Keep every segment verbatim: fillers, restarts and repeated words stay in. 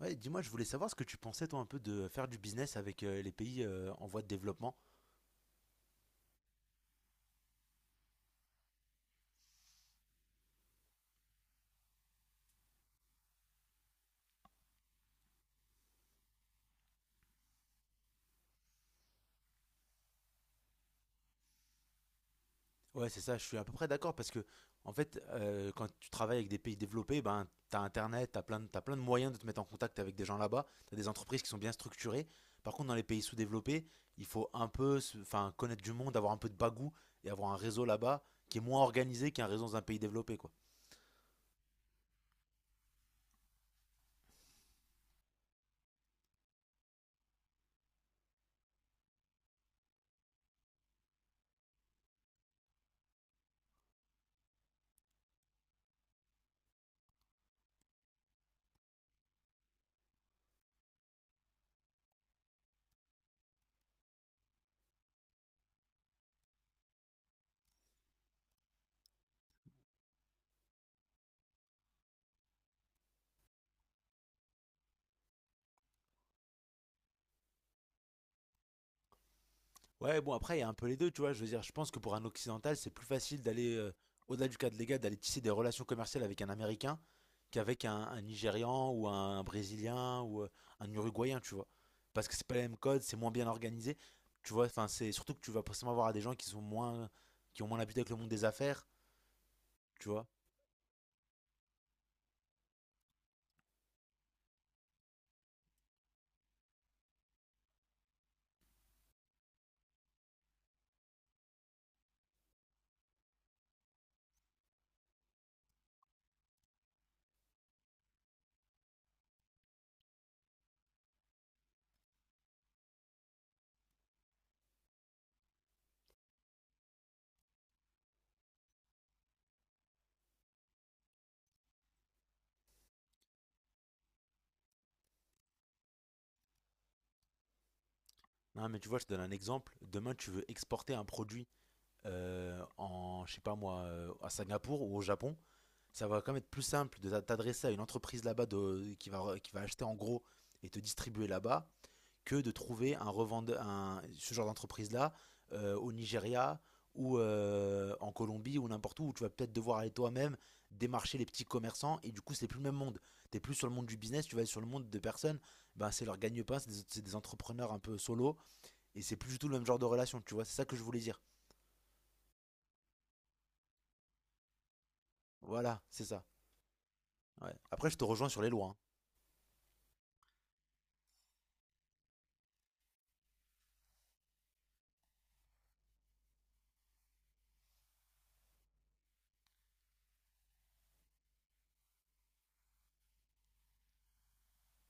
Ouais, dis-moi, je voulais savoir ce que tu pensais toi un peu de faire du business avec euh, les pays euh, en voie de développement. Ouais, c'est ça, je suis à peu près d'accord parce que en fait, euh, quand tu travailles avec des pays développés, ben t'as internet, t'as plein de, t'as plein de moyens de te mettre en contact avec des gens là-bas, t'as des entreprises qui sont bien structurées. Par contre, dans les pays sous-développés, il faut un peu se- enfin connaître du monde, avoir un peu de bagou et avoir un réseau là-bas qui est moins organisé qu'un réseau dans un pays développé quoi. Ouais, bon après, il y a un peu les deux, tu vois, je veux dire, je pense que pour un occidental, c'est plus facile d'aller euh, au-delà du cadre légal, d'aller tisser des relations commerciales avec un Américain qu'avec un, un Nigérian ou un Brésilien ou euh, un Uruguayen, tu vois. Parce que c'est pas les mêmes codes, c'est moins bien organisé. Tu vois, enfin, c'est surtout que tu vas forcément avoir à des gens qui sont moins, qui ont moins l'habitude avec le monde des affaires, tu vois. Non, mais tu vois, je te donne un exemple. Demain, tu veux exporter un produit euh, en, je sais pas moi, euh, à Singapour ou au Japon. Ça va quand même être plus simple de t'a- t'adresser à une entreprise là-bas de- qui va, qui va acheter en gros et te distribuer là-bas que de trouver un revendeur, un, ce genre d'entreprise-là euh, au Nigeria ou euh, en Colombie ou n'importe où, où tu vas peut-être devoir aller toi-même démarcher les petits commerçants et du coup c'est plus le même monde. T'es plus sur le monde du business, tu vas être sur le monde de personnes, ben c'est leur gagne-pain, c'est des, c'est des entrepreneurs un peu solo et c'est plus du tout le même genre de relation, tu vois, c'est ça que je voulais dire. Voilà, c'est ça. Ouais. Après je te rejoins sur les lois, hein.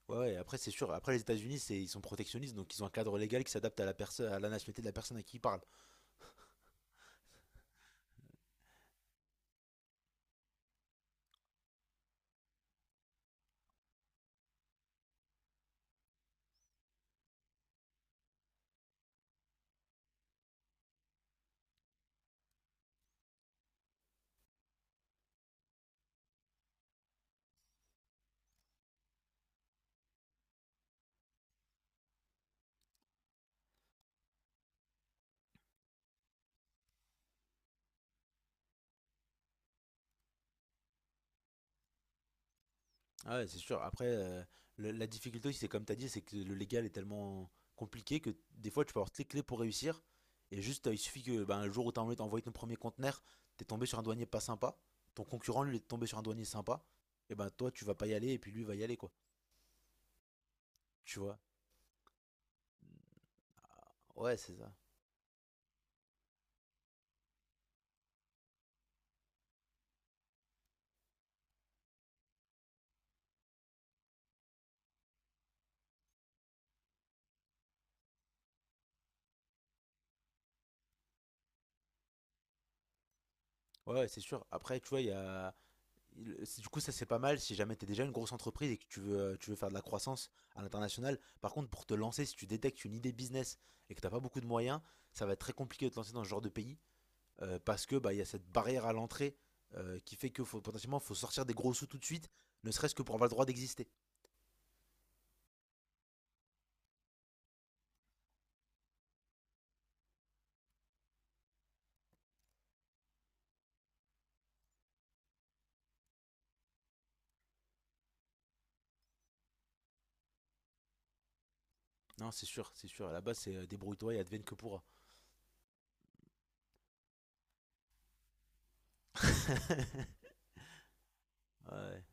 Ouais, ouais, après c'est sûr, après les États-Unis c'est, ils sont protectionnistes donc ils ont un cadre légal qui s'adapte à la personne, à la nationalité de la personne à qui ils parlent. Ah ouais, c'est sûr. Après, euh, le- la difficulté aussi, c'est comme tu as dit, c'est que le légal est tellement compliqué que des fois, tu peux avoir toutes les clés pour réussir. Et juste, euh, il suffit que ben, le jour où tu as envie d'envoyer ton premier conteneur, tu es tombé sur un douanier pas sympa. Ton concurrent, lui, est tombé sur un douanier sympa. Et ben toi, tu vas pas y aller et puis lui va y aller, quoi. Tu vois? Ouais, c'est ça. Ouais, ouais, c'est sûr. Après, tu vois, il y a... il- c'est- du coup, ça c'est pas mal si jamais t'es déjà une grosse entreprise et que tu veux, euh, tu veux faire de la croissance à l'international. Par contre, pour te lancer, si tu détectes une idée business et que t'as pas beaucoup de moyens, ça va être très compliqué de te lancer dans ce genre de pays euh, parce que bah, il y a cette barrière à l'entrée euh, qui fait que faut, potentiellement faut sortir des gros sous tout de suite, ne serait-ce que pour avoir le droit d'exister. Non, c'est sûr, c'est sûr. À la base, c'est euh, débrouille-toi et advienne que pourra. Ouais.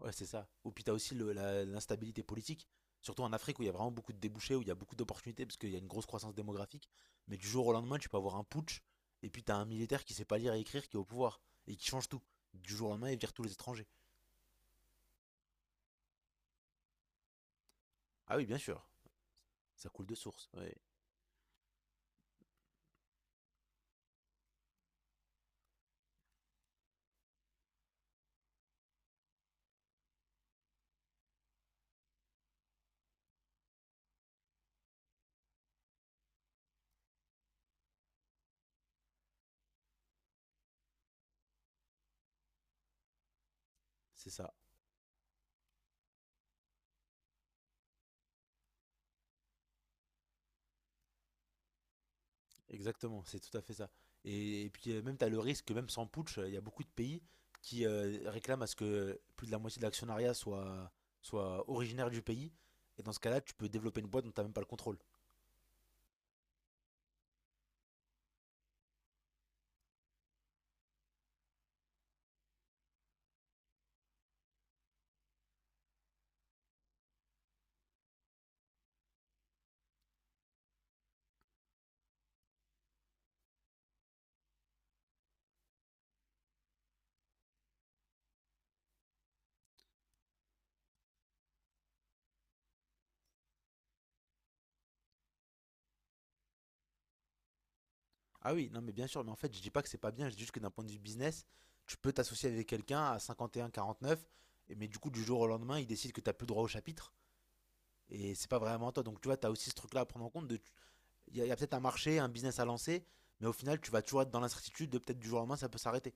Ouais, c'est ça. Ou puis t'as aussi le- la- l'instabilité politique, surtout en Afrique où il y a vraiment beaucoup de débouchés, où il y a beaucoup d'opportunités, parce qu'il y a une grosse croissance démographique. Mais du jour au lendemain, tu peux avoir un putsch, et puis t'as un militaire qui sait pas lire et écrire, qui est au pouvoir, et qui change tout. Du jour au lendemain, il vire tous les étrangers. Ah oui, bien sûr, ça coule de source. Ouais, c'est ça. Exactement, c'est tout à fait ça. Et, et puis euh, même t'as le risque, que même sans putsch, euh, il y a beaucoup de pays qui euh, réclament à ce que plus de la moitié de l'actionnariat soit, soit originaire du pays. Et dans ce cas-là, tu peux développer une boîte dont t'as même pas le contrôle. Ah oui, non mais bien sûr, mais en fait je dis pas que c'est pas bien, je dis juste que d'un point de vue business, tu peux t'associer avec quelqu'un à cinquante et un quarante-neuf, et- mais du coup du jour au lendemain il décide que t'as plus droit au chapitre, et c'est pas vraiment à toi. Donc tu vois, t'as aussi ce truc-là à prendre en compte, de, il y a, y a peut-être un marché, un business à lancer, mais au final tu vas toujours être dans l'incertitude de peut-être du jour au lendemain ça peut s'arrêter.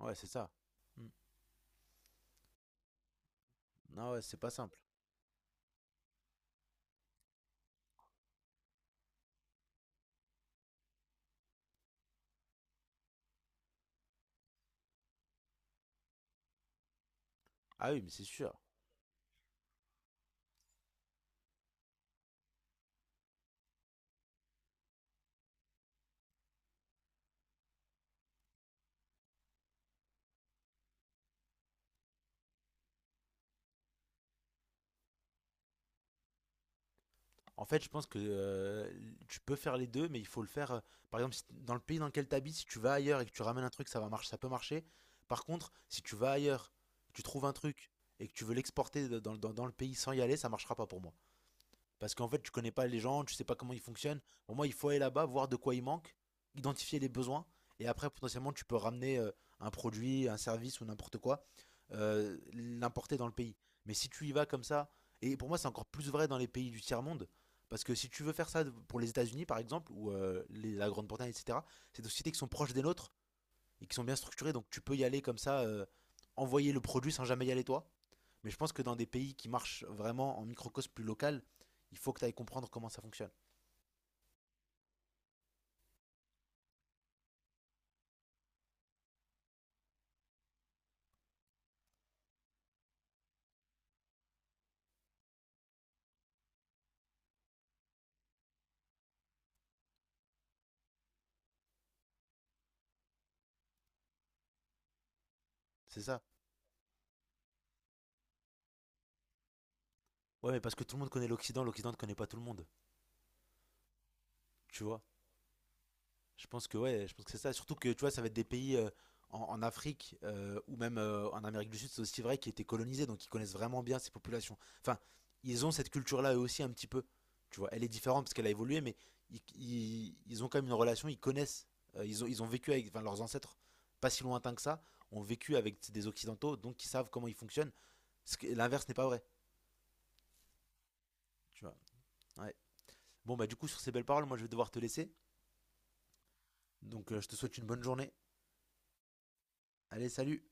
Ouais, c'est ça. Hmm. Non ouais, c'est pas simple. Ah oui, mais c'est sûr. En fait, je pense que euh, tu peux faire les deux, mais il faut le faire. Euh, par exemple, si t- dans le pays dans lequel tu habites, si tu vas ailleurs et que tu ramènes un truc, ça va marcher, ça peut marcher. Par contre, si tu vas ailleurs, tu trouves un truc et que tu veux l'exporter de- dans, dans- dans le pays sans y aller, ça marchera pas pour moi. Parce qu'en fait, tu connais pas les gens, tu sais pas comment ils fonctionnent. Pour moi, il faut aller là-bas, voir de quoi il manque, identifier les besoins, et après, potentiellement, tu peux ramener euh, un produit, un service ou n'importe quoi, euh, l'importer dans le pays. Mais si tu y vas comme ça, et pour moi, c'est encore plus vrai dans les pays du tiers-monde, parce que si tu veux faire ça pour les États-Unis, par exemple, ou euh, les- la Grande-Bretagne, et cetera, c'est des sociétés qui sont proches des nôtres et qui sont bien structurées, donc tu peux y aller comme ça, euh, envoyer le produit sans jamais y aller toi. Mais je pense que dans des pays qui marchent vraiment en microcosme plus local, il faut que tu ailles comprendre comment ça fonctionne. C'est ça. Ouais, mais parce que tout le monde connaît l'Occident, l'Occident ne connaît pas tout le monde. Tu vois. Je pense que ouais, je pense que c'est ça. Surtout que tu vois, ça va être des pays euh, en, en Afrique euh, ou même euh, en Amérique du Sud, c'est aussi vrai, qui étaient colonisés, donc ils connaissent vraiment bien ces populations. Enfin, ils ont cette culture-là eux aussi un petit peu. Tu vois, elle est différente parce qu'elle a évolué, mais ils, ils- ils ont quand même une relation, ils connaissent, euh, ils ont, ils ont vécu avec, enfin, leurs ancêtres, pas si lointains que ça, ont vécu avec des Occidentaux, donc ils savent comment ils fonctionnent. Ce que- L'inverse n'est pas vrai, tu vois. Ouais. Bon bah du coup sur ces belles paroles, moi je vais devoir te laisser. Donc euh, je te souhaite une bonne journée. Allez, salut!